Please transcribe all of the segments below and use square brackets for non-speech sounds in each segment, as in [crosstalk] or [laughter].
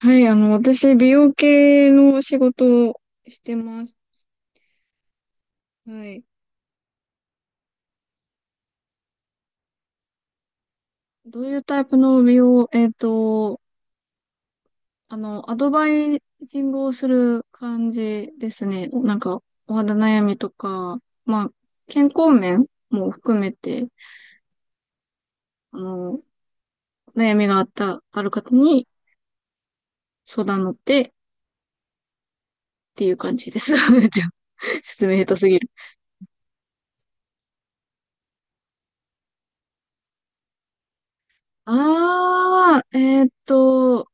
はい、私、美容系の仕事をしてます。はい。どういうタイプの美容、アドバイジングをする感じですね。なんか、お肌悩みとか、まあ、健康面も含めて、あの、悩みがあった、ある方に相談乗ってっていう感じです。[laughs] じゃあ、説明下手すぎる。あー、えっと、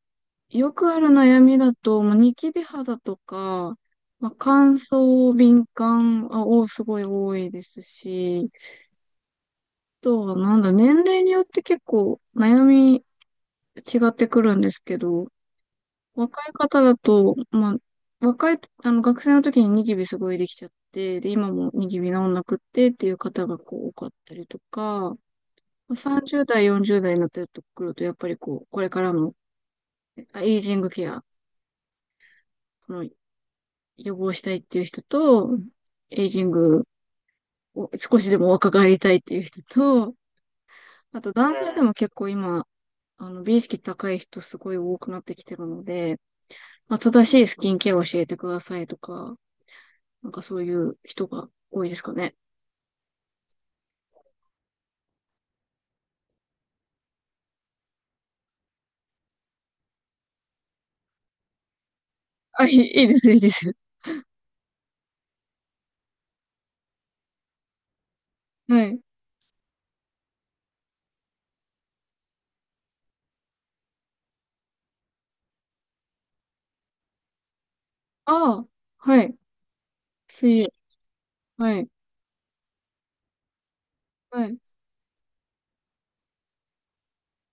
よくある悩みだと、まあ、ニキビ肌とか、まあ、乾燥、敏感あをすごい多いですし、あとはなんだ、年齢によって結構悩み違ってくるんですけど、若い方だと、まあ、あの学生の時にニキビすごいできちゃって、で、今もニキビ治んなくってっていう方がこう多かったりとか、まあ30代、40代になってくると、やっぱりこう、これからのエイジングケア、その予防したいっていう人と、エイジングを少しでも若返りたいっていう人と、あと男性でも結構今、美意識高い人すごい多くなってきてるので、まあ、正しいスキンケアを教えてくださいとか、なんかそういう人が多いですかね。いいですよ、いいですよ。はい。ああ、はい。水泳。はい。はい。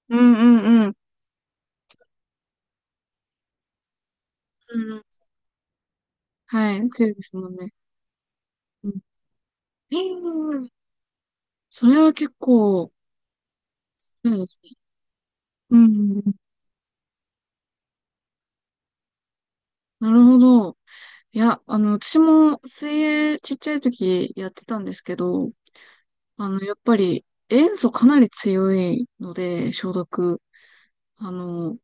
うんうんうん。うんはい。強いですもんね。うん。うんうんん、それは結構、そうですね。うんうんうん。なるほど。いや、私も水泳ちっちゃい時やってたんですけど、やっぱり塩素かなり強いので、消毒。あの、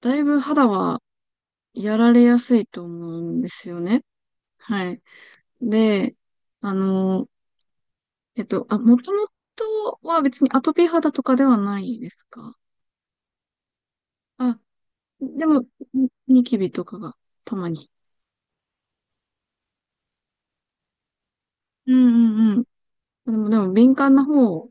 だいぶ肌はやられやすいと思うんですよね。はい。で、あの、もともとは別にアトピー肌とかではないですか？あ、でも、ニキビとかがたまに。うんうんうん。でも、でも敏感な方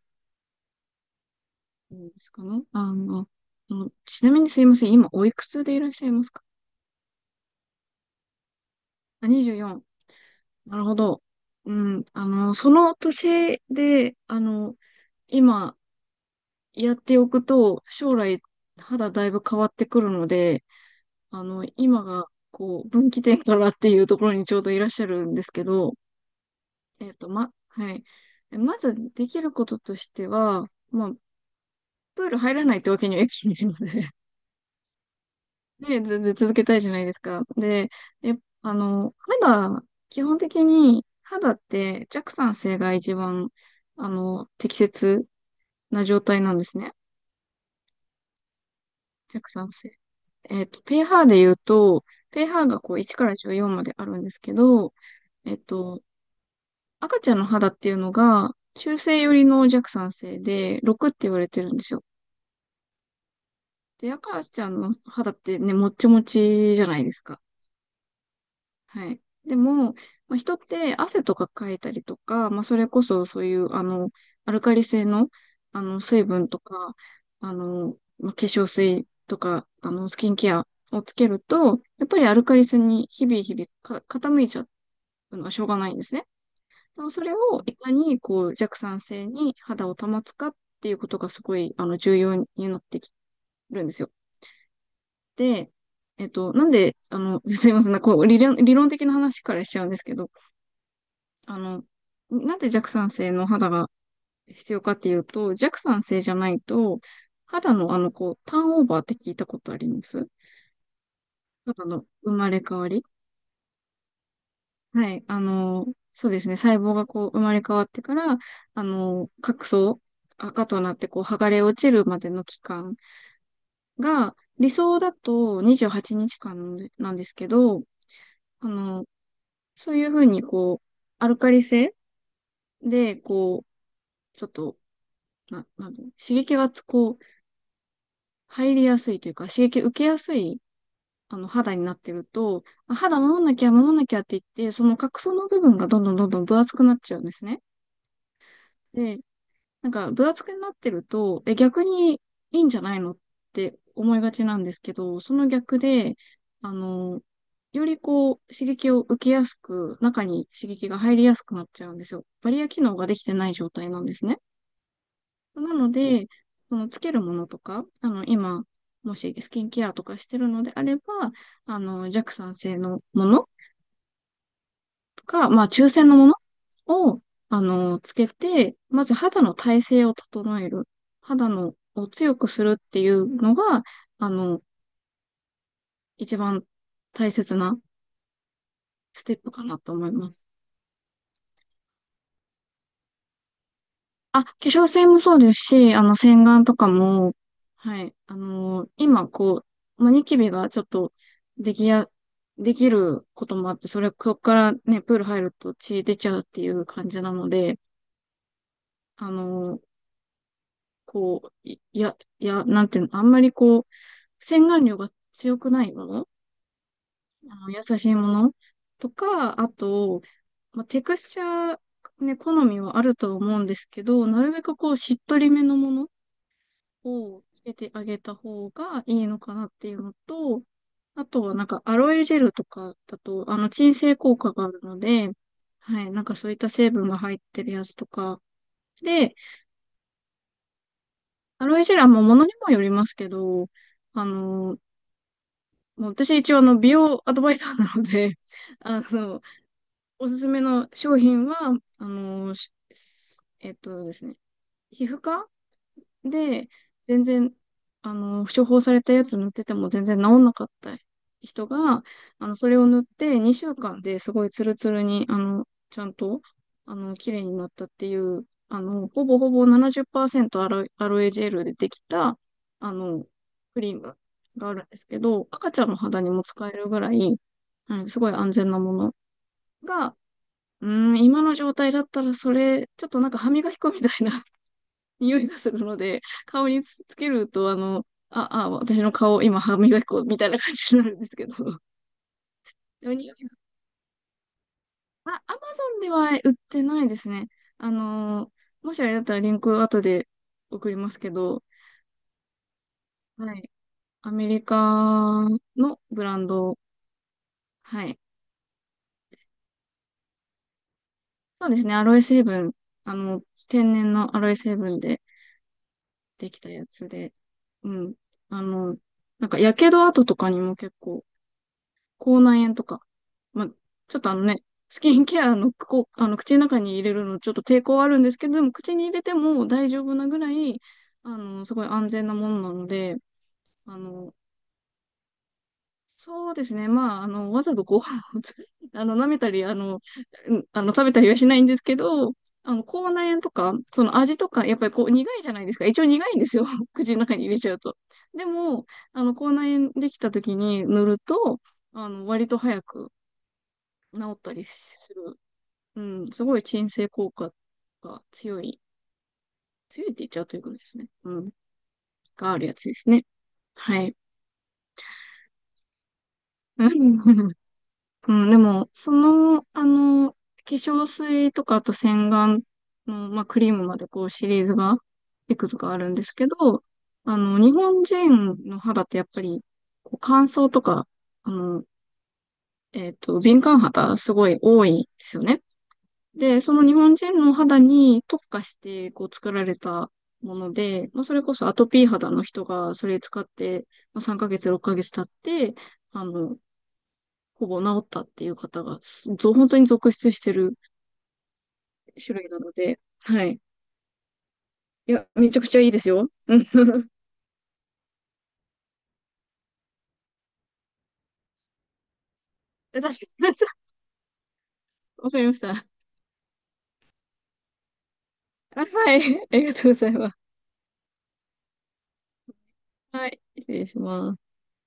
うんですかね。そのちなみにすいません。今、おいくつでいらっしゃいますか？あ、24。なるほど。うん。その年で、今、やっておくと、将来、肌だいぶ変わってくるので、今が、こう、分岐点からっていうところにちょうどいらっしゃるんですけど、はい。まず、できることとしては、まあ、プール入らないってわけにはいかないので、で、全然続けたいじゃないですか。で、え、あの、肌、基本的に肌って弱酸性が一番、適切な状態なんですね。弱酸性。えっと、pH で言うと、pH がこう1から14まであるんですけど、えっと、赤ちゃんの肌っていうのが中性寄りの弱酸性で6って言われてるんですよ。で、赤ちゃんの肌ってね、もっちもちじゃないですか。はい。でも、まあ、人って汗とかかいたりとか、まあ、それこそそういう、アルカリ性の、水分とか、化粧水とか、スキンケアをつけると、やっぱりアルカリ性に日々日々傾いちゃうのはしょうがないんですね。でもそれをいかに、こう、弱酸性に肌を保つかっていうことがすごい、重要になってきるんですよ。で、えっと、なんで、あの、[laughs] すいません、こう、理論的な話からしちゃうんですけど、あの、なんで弱酸性の肌が必要かっていうと、弱酸性じゃないと、肌のこう、ターンオーバーって聞いたことあります？肌の生まれ変わり、はい。そうですね。細胞がこう、生まれ変わってから、角層、赤となってこう、剥がれ落ちるまでの期間が、理想だと28日間なんですけど、あの、そういうふうにこう、アルカリ性で、こう、ちょっと、なんていうの刺激がこう、入りやすいというか、刺激受けやすい、肌になってると、あ、肌守んなきゃ守んなきゃって言って、その角層の部分がどんどんどんどん分厚くなっちゃうんですね。で、なんか分厚くなってると、え、逆にいいんじゃないのって思いがちなんですけど、その逆で、あの、よりこう、刺激を受けやすく、中に刺激が入りやすくなっちゃうんですよ。バリア機能ができてない状態なんですね。なので、そのつけるものとか、今、もしスキンケアとかしてるのであれば、弱酸性のものとか、まあ、中性のものを、つけて、まず肌の耐性を整える。肌のを強くするっていうのが、あの、一番大切なステップかなと思います。あ、化粧水もそうですし、洗顔とかも、はい、今、こう、まあ、ニキビがちょっと、できや、できることもあって、そこからね、プール入ると血出ちゃうっていう感じなので、あのーこう、なんていうの、あんまりこう、洗顔料が強くないもの、優しいものとか、あと、まあ、テクスチャー、ね、好みはあるとは思うんですけど、なるべくこう、しっとりめのものをつけてあげた方がいいのかなっていうのと、あとはなんかアロエジェルとかだと、あの鎮静効果があるので、はい、なんかそういった成分が入ってるやつとか。で、アロエジェルはもう物にもよりますけど、あの、もう私一応あの美容アドバイザーなので、[laughs] あの、おすすめの商品は、えっとですね、皮膚科で、全然、処方されたやつ塗ってても全然治んなかった人が、それを塗って2週間ですごいツルツルに、ちゃんと、綺麗になったっていう、ほぼほぼ70%アロエ、アロエジェルでできた、あの、クリームがあるんですけど、赤ちゃんの肌にも使えるぐらい、うん、すごい安全なものが、うーん、今の状態だったらそれ、ちょっとなんか歯磨き粉みたいな匂いがするので、顔につけると、私の顔、今、歯磨き粉みたいな感じになるんですけど。でも匂い、あ、アマゾンでは売ってないですね。あの、もしあれだったらリンク後で送りますけど、はい。アメリカのブランド、はい。そうですね、アロエ成分、あの、天然のアロエ成分でできたやつで、うん。あの、なんか、やけど跡とかにも結構、口内炎とか。まあ、ちょっとあのね、スキンケアの、こう、あの口の中に入れるのちょっと抵抗はあるんですけど、でも口に入れても大丈夫なぐらい、すごい安全なものなので、あの、そうですね。まあ、わざとご飯を[laughs] 舐めたり、あの、食べたりはしないんですけど、口内炎とか、その味とか、やっぱりこう、苦いじゃないですか。一応苦いんですよ。[laughs] 口の中に入れちゃうと。でも、口内炎できた時に塗ると、割と早く、治ったりする。うん、すごい鎮静効果が強いって言っちゃうということですね。うん、があるやつですね。はい。うん、うんでも、その、化粧水とか、あと洗顔の、まあ、クリームまでこうシリーズが、いくつかあるんですけど、日本人の肌ってやっぱり、こう乾燥とか、あの、敏感肌すごい多いんですよね。で、その日本人の肌に特化してこう作られたもので、まあ、それこそアトピー肌の人がそれ使って、まあ、3ヶ月、6ヶ月経って、あの、ほぼ治ったっていう方が、すぞ本当に続出してる種類なので、はい。いや、めちゃくちゃいいですよ。うん、確 [laughs] [laughs] わかりました。あ、はい。ありがとうございます。はい。失礼します。